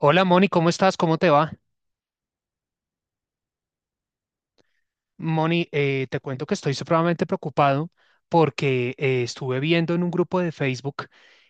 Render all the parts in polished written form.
Hola Moni, ¿cómo estás? ¿Cómo te va? Moni, te cuento que estoy supremamente preocupado porque estuve viendo en un grupo de Facebook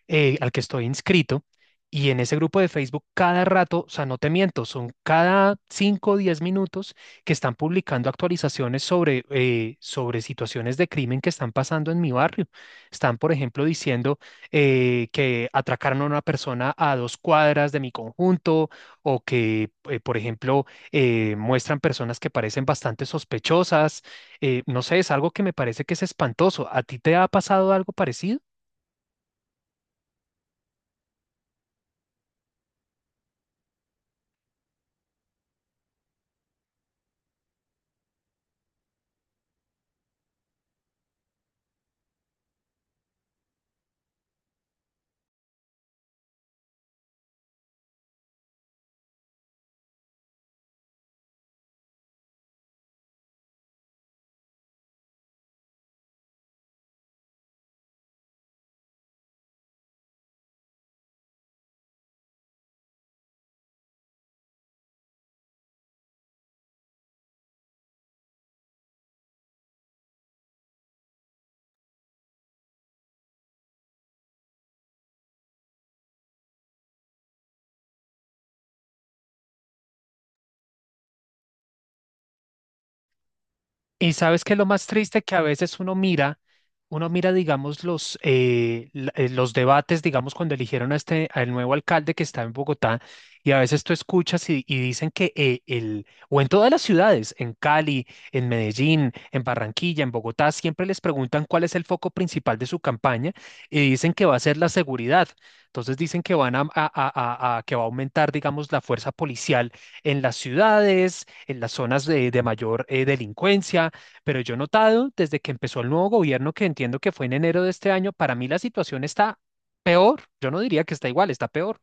al que estoy inscrito, y en ese grupo de Facebook cada rato, o sea, no te miento, son cada 5 o 10 minutos que están publicando actualizaciones sobre situaciones de crimen que están pasando en mi barrio. Están, por ejemplo, diciendo que atracaron a una persona a 2 cuadras de mi conjunto, o que, por ejemplo, muestran personas que parecen bastante sospechosas. No sé, es algo que me parece que es espantoso. ¿A ti te ha pasado algo parecido? Y sabes que lo más triste que a veces uno mira, digamos, los debates, digamos, cuando eligieron a este, al nuevo alcalde que está en Bogotá. Y a veces tú escuchas y dicen que o en todas las ciudades, en Cali, en Medellín, en Barranquilla, en Bogotá, siempre les preguntan cuál es el foco principal de su campaña, y dicen que va a ser la seguridad. Entonces dicen que van que va a aumentar, digamos, la fuerza policial en las ciudades, en las zonas de mayor delincuencia, pero yo he notado desde que empezó el nuevo gobierno, que entiendo que fue en enero de este año. Para mí la situación está peor. Yo no diría que está igual, está peor.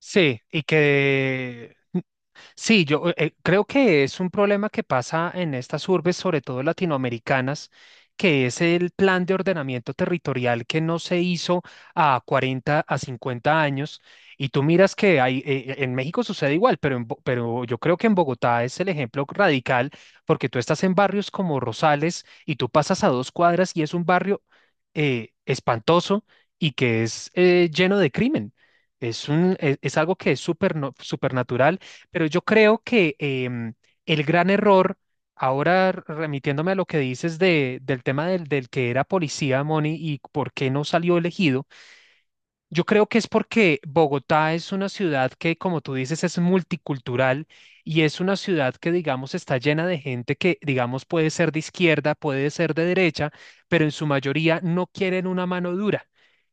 Sí, y que. Sí, yo creo que es un problema que pasa en estas urbes, sobre todo latinoamericanas, que es el plan de ordenamiento territorial que no se hizo a 40 a 50 años. Y tú miras que hay, en México sucede igual, pero, pero yo creo que en Bogotá es el ejemplo radical, porque tú estás en barrios como Rosales y tú pasas a 2 cuadras y es un barrio espantoso y que es lleno de crimen. Es un, es algo que es súper no, pero yo creo que el gran error, ahora remitiéndome a lo que dices del tema del que era policía, Moni, y por qué no salió elegido, yo creo que es porque Bogotá es una ciudad que, como tú dices, es multicultural, y es una ciudad que, digamos, está llena de gente que, digamos, puede ser de izquierda, puede ser de derecha, pero en su mayoría no quieren una mano dura.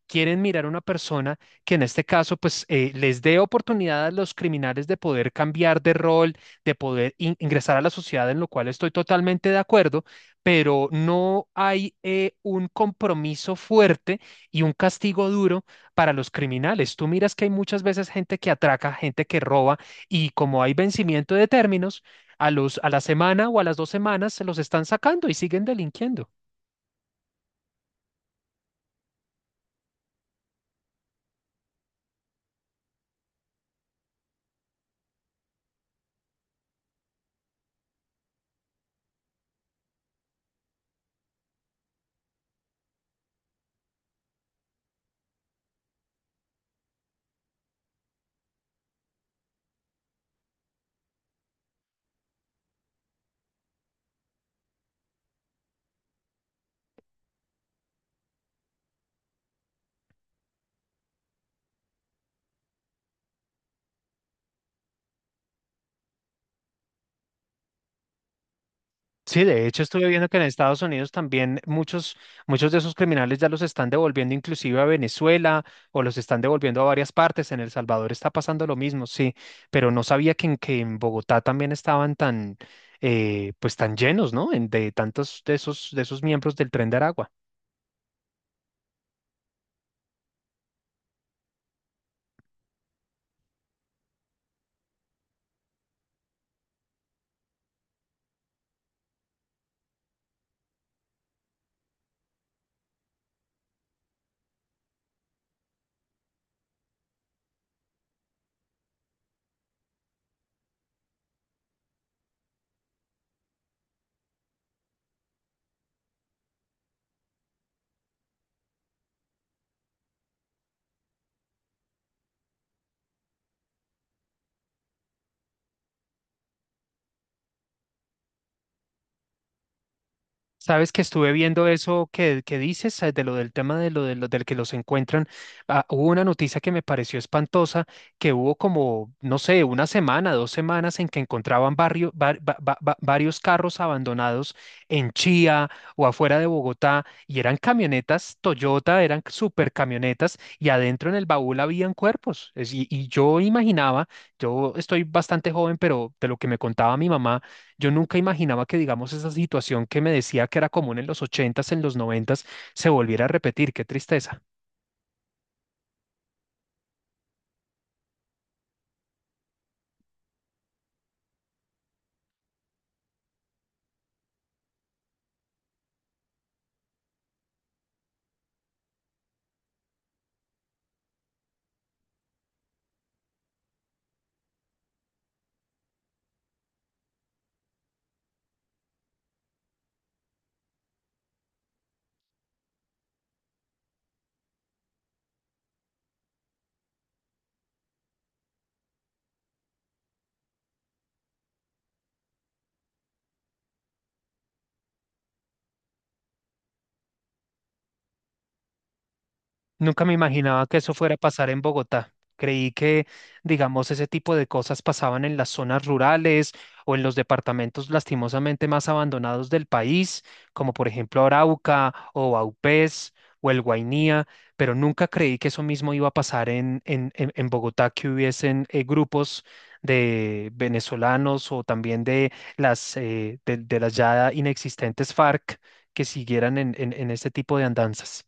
Quieren mirar a una persona que en este caso, pues, les dé oportunidad a los criminales de poder cambiar de rol, de poder ingresar a la sociedad, en lo cual estoy totalmente de acuerdo, pero no hay un compromiso fuerte y un castigo duro para los criminales. Tú miras que hay muchas veces gente que atraca, gente que roba, y como hay vencimiento de términos, a la semana o a las 2 semanas se los están sacando y siguen delinquiendo. Sí, de hecho estuve viendo que en Estados Unidos también muchos de esos criminales ya los están devolviendo inclusive a Venezuela, o los están devolviendo a varias partes. En El Salvador está pasando lo mismo. Sí, pero no sabía que en Bogotá también estaban tan, pues tan llenos, ¿no? De tantos de esos miembros del Tren de Aragua. Sabes que estuve viendo eso que dices, de lo del tema de lo del que los encuentran. Ah, hubo una noticia que me pareció espantosa, que hubo como, no sé, una semana, 2 semanas en que encontraban barrio, var- va- va- va- varios carros abandonados en Chía o afuera de Bogotá, y eran camionetas Toyota, eran super camionetas, y adentro en el baúl habían cuerpos. Y yo imaginaba, yo estoy bastante joven, pero de lo que me contaba mi mamá. Yo nunca imaginaba que, digamos, esa situación que me decía que era común en los ochentas, en los noventas, se volviera a repetir. Qué tristeza. Nunca me imaginaba que eso fuera a pasar en Bogotá. Creí que, digamos, ese tipo de cosas pasaban en las zonas rurales o en los departamentos lastimosamente más abandonados del país, como por ejemplo Arauca o Vaupés o el Guainía, pero nunca creí que eso mismo iba a pasar en Bogotá, que hubiesen grupos de venezolanos, o también de las ya inexistentes FARC que siguieran en este tipo de andanzas.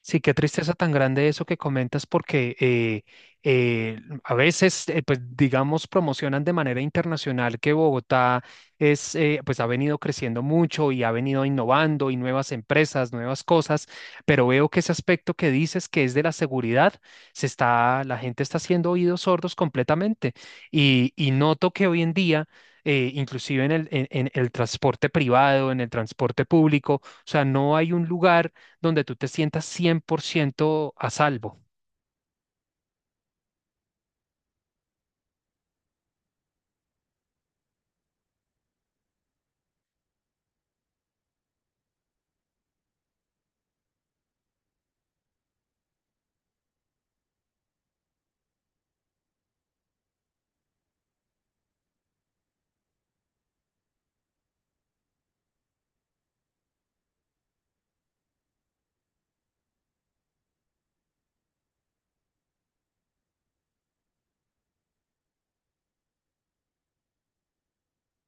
Sí, qué tristeza tan grande eso que comentas porque a veces, pues digamos, promocionan de manera internacional que Bogotá es, pues ha venido creciendo mucho y ha venido innovando y nuevas empresas, nuevas cosas, pero veo que ese aspecto que dices que es de la seguridad, se está, la gente está haciendo oídos sordos completamente, y noto que hoy en día, inclusive en el, en el transporte privado, en el transporte público, o sea, no hay un lugar donde tú te sientas 100% a salvo.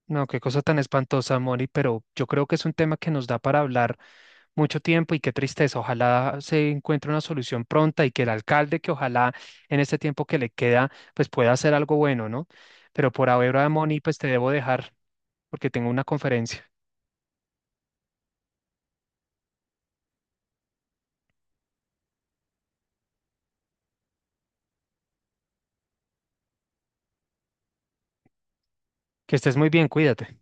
No, qué cosa tan espantosa, Moni, pero yo creo que es un tema que nos da para hablar mucho tiempo, y qué tristeza. Ojalá se encuentre una solución pronta, y que el alcalde, que ojalá en este tiempo que le queda, pues pueda hacer algo bueno, ¿no? Pero por ahora, Moni, pues te debo dejar porque tengo una conferencia. Que estés muy bien, cuídate.